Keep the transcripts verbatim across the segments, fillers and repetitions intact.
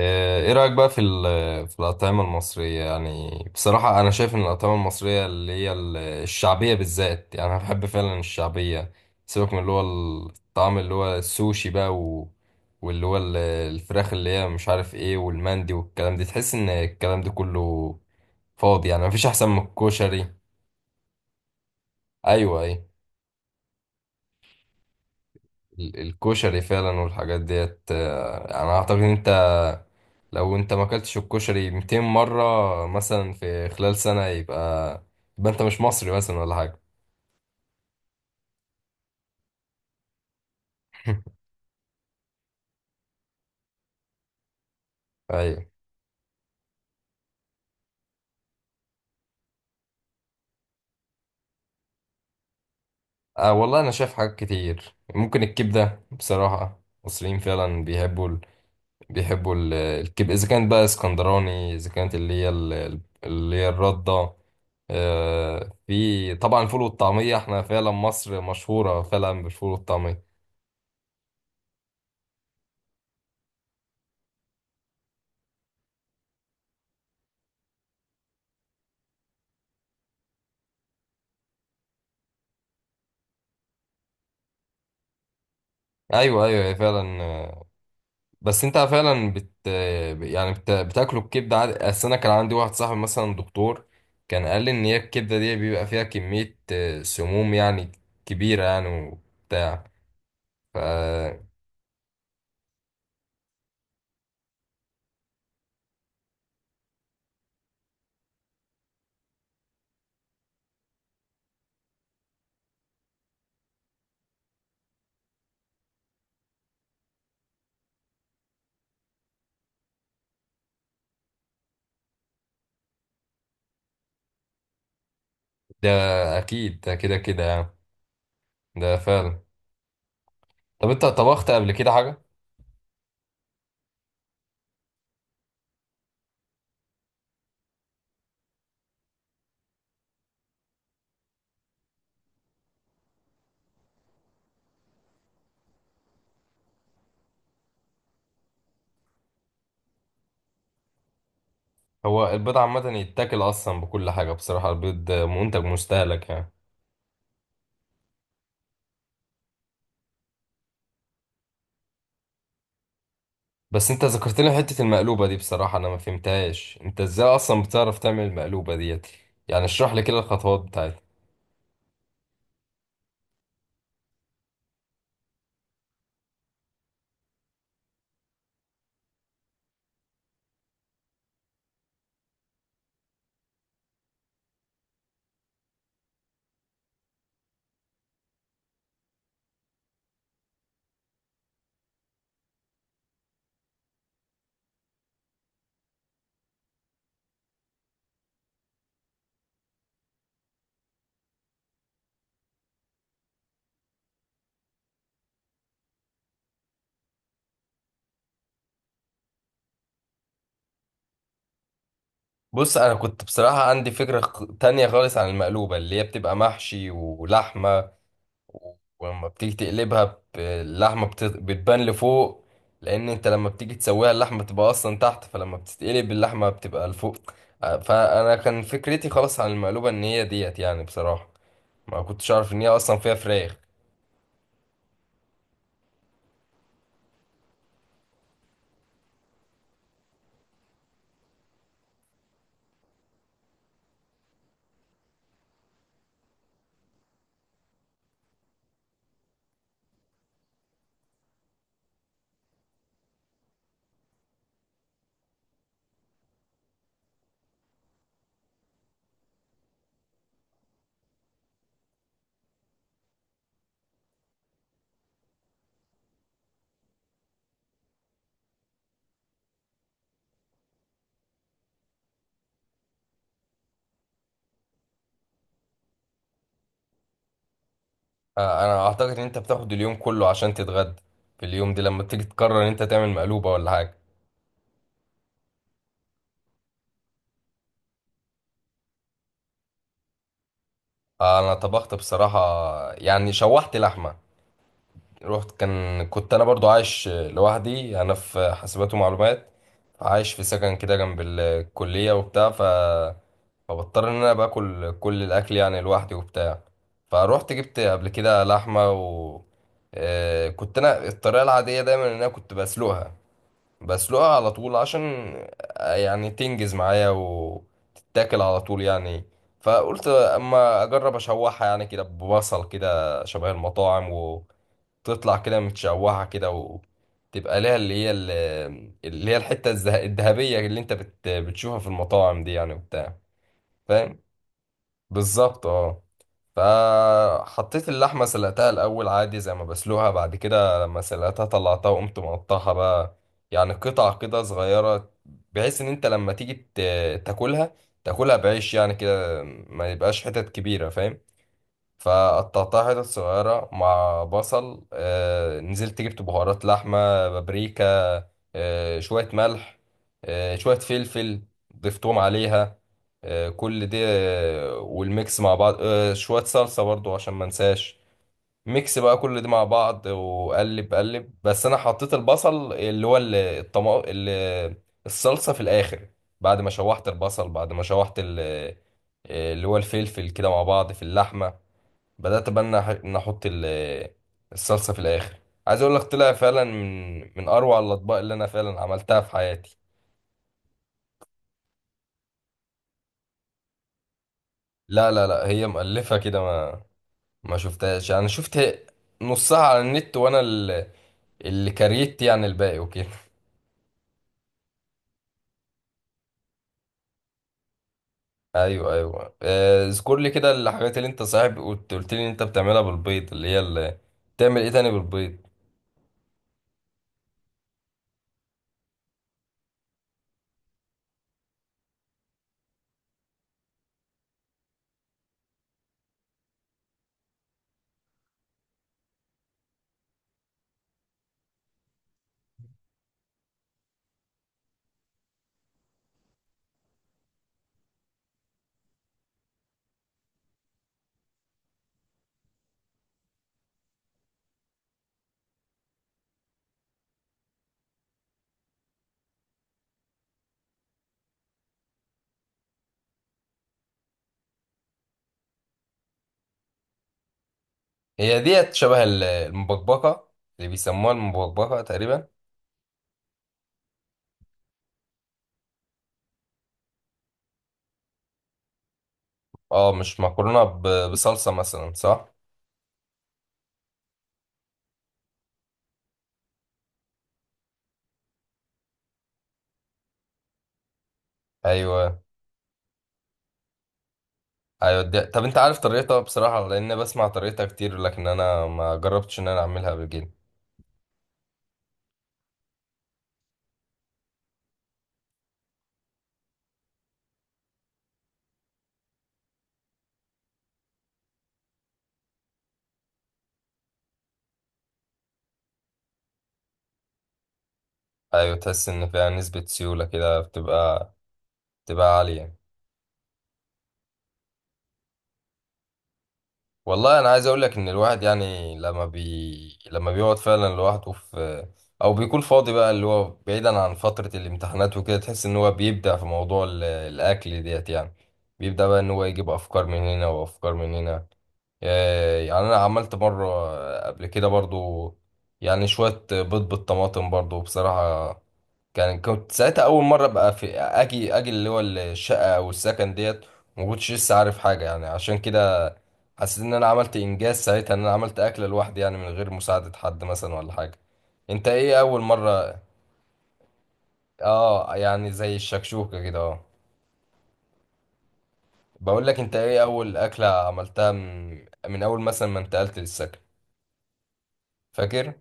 آه، ايه رأيك بقى في ال- في الأطعمة المصرية يعني. بصراحة أنا شايف إن الأطعمة المصرية اللي هي ال- الشعبية بالذات، يعني أنا بحب فعلا الشعبية. سيبك من اللي هو الطعم اللي هو السوشي بقى، و واللي هو ال- الفراخ اللي هي مش عارف إيه، والمندي والكلام ده. تحس إن الكلام ده كله فاضي، يعني مفيش أحسن من الكشري. أيوه، أيوه. ال- الكشري فعلا، والحاجات ديت. آه، أنا أعتقد أنت لو انت ما اكلتش الكشري مئتين مرة مثلا في خلال سنة، يبقى يبقى انت مش مصري مثلا ولا حاجة. ايوه. آه والله انا شايف حاجات كتير، ممكن الكبدة. بصراحة المصريين فعلا بيحبوا ال... بيحبوا ال... الكبدة اذا كانت بقى اسكندراني، اذا كانت اللي هي ال... اللي هي الردة. آه في طبعا الفول والطعمية، احنا فعلا مصر مشهورة فعلا بالفول والطعمية. ايوه، ايوه، هي فعلا. بس انت فعلا بت يعني بت... بتاكلوا الكبده عادي. اصل انا كان عندي واحد صاحبي مثلا دكتور، كان قال لي ان هي الكبده دي بيبقى فيها كميه آه، سموم يعني، كبيره يعني وبتاع ف ده اكيد، ده كده كده يعني. ده فعلا. طب انت طبخت قبل كده حاجه؟ هو البيض عامه يتاكل اصلا بكل حاجه، بصراحه البيض منتج مستهلك يعني. بس انت ذكرت لي حته المقلوبه دي، بصراحه انا ما فهمتهاش انت ازاي اصلا بتعرف تعمل المقلوبه ديت. يعني اشرح لي كده الخطوات بتاعتها. بص، انا كنت بصراحة عندي فكرة خ- تانية خالص عن المقلوبة اللي هي بتبقى محشي ولحمة، و- ولما بتيجي تقلبها ب- اللحمة بت- بتبان لفوق. لان انت لما بتيجي تسويها اللحمة بتبقى اصلا تحت، فلما بتتقلب اللحمة بتبقى لفوق. آه، فانا كان فكرتي خلاص عن المقلوبة ان هي ديت يعني، بصراحة ما كنتش اعرف ان هي اصلا فيها فراخ. آه، انا اعتقد ان انت بتاخد اليوم كله عشان تتغدى في اليوم دي، لما بتيجي تقرر ان انت تعمل مقلوبة ولا حاجة. آه، انا طبخت بصراحة، يعني شوحت لحمة. رحت كان كنت انا برضو عايش لوحدي، انا في حاسبات ومعلومات، عايش في سكن كده جنب الكلية وبتاع، ف فبضطر ان انا باكل كل الاكل يعني لوحدي وبتاع. فروحت جبت قبل كده لحمة، و آه، كنت انا الطريقة العادية دايما ان انا كنت بسلقها بسلقها على طول، عشان آه، يعني تنجز معايا وتتاكل على طول يعني. فقلت اما اجرب اشوحها يعني، كده ببصل كده شبه المطاعم، تطلع كده متشوحة كده، وتبقى ليها اللي هي ال- اللي هي الحتة الذه- الذهبية اللي انت بت... بتشوفها في المطاعم دي يعني وبتاع. فاهم؟ بالظبط، اه. فحطيت اللحمة، سلقتها الأول عادي زي ما بسلقها، بعد كده لما سلقتها طلعتها وقمت مقطعها بقى، يعني قطع كده صغيرة، بحيث إن أنت لما تيجي ت- تاكلها، تاكلها بعيش يعني كده، ما يبقاش حتت كبيرة، فاهم؟ فقطعتها حتت صغيرة مع بصل. آه، نزلت جبت بهارات لحمة، بابريكا، آه، شوية ملح، آه، شوية فلفل، ضفتهم عليها. آه، كل دي، آه، والميكس مع بعض، آه، شوية صلصة برضو عشان ما انساش. ميكس بقى كل دي مع بعض، وقلب قلب. بس انا حطيت البصل، اللي هو ال- الطما ال- الصلصة في الاخر. بعد ما شوحت البصل، بعد ما شوحت ال- آه، اللي هو الفلفل كده مع بعض في اللحمة، بدأت بقى إن أح- إن أحط ال- الصلصة في الآخر. عايز أقول لك، طلع فعلا من من أروع الأطباق اللي أنا فعلا عملتها في حياتي. لا، لا، لا، هي مؤلفة كده، ما ما شفتهاش يعني، شفت نصها على النت، وأنا ال- اللي كريت يعني الباقي وكده. أيوه، أيوه. آه، اذكر لي كده الحاجات اللي أنت صاحب قلت قلت لي إن أنت بتعملها بالبيض، اللي هي اللي بتعمل إيه تاني بالبيض؟ هي ديت شبه ال- المبكبكة، اللي بيسموها المبكبكة تقريبا. اه، مش مكرونة ب- بصلصة مثلا، صح؟ ايوه، ايوه دي. طب انت عارف طريقتها؟ بصراحه لان بسمع طريقتها كتير، لكن انا ما جربتش ان انا اعملها قبل كده. ايوه، تحس ان فيها نسبه سيوله كده، بتبقى بتبقى عاليه يعني. والله انا عايز اقول لك ان الواحد يعني لما بي لما بيقعد فعلا لوحده، في او بيكون فاضي بقى، اللي هو بعيدا عن فتره الامتحانات وكده، تحس ان هو بيبدع في موضوع ال- الاكل ديت يعني. بيبدأ بقى ان هو يجيب افكار من هنا وافكار من هنا. آه، يعني انا عملت مره قبل كده برضو، يعني شويه بيض بالطماطم برضو بصراحه. كان كنت ساعتها اول مره بقى في اجي اجي اللي هو الشقه او السكن ديت، ما كنتش لسه عارف حاجه يعني عشان كده، حسيت ان انا عملت انجاز ساعتها، ان انا عملت اكله لوحدي يعني من غير مساعده حد مثلا ولا حاجه. انت ايه اول مره؟ اه، يعني زي الشكشوكه كده، اه. بقول لك، انت ايه اول اكله عملتها من, من اول مثلا ما انتقلت للسكن، فاكر؟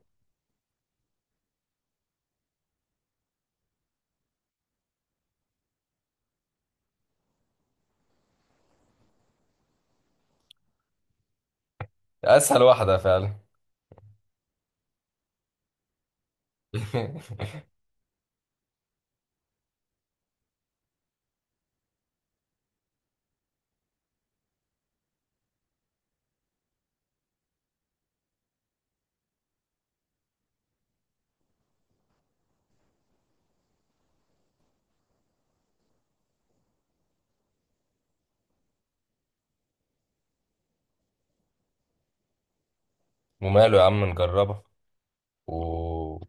اسهل واحده فعلا. وماله يا عم، نجربها، و...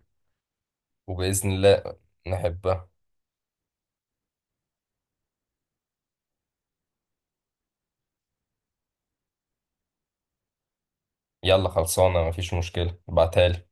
وبإذن الله نحبها. يلا خلصانة، مفيش مشكلة، ابعتها لي.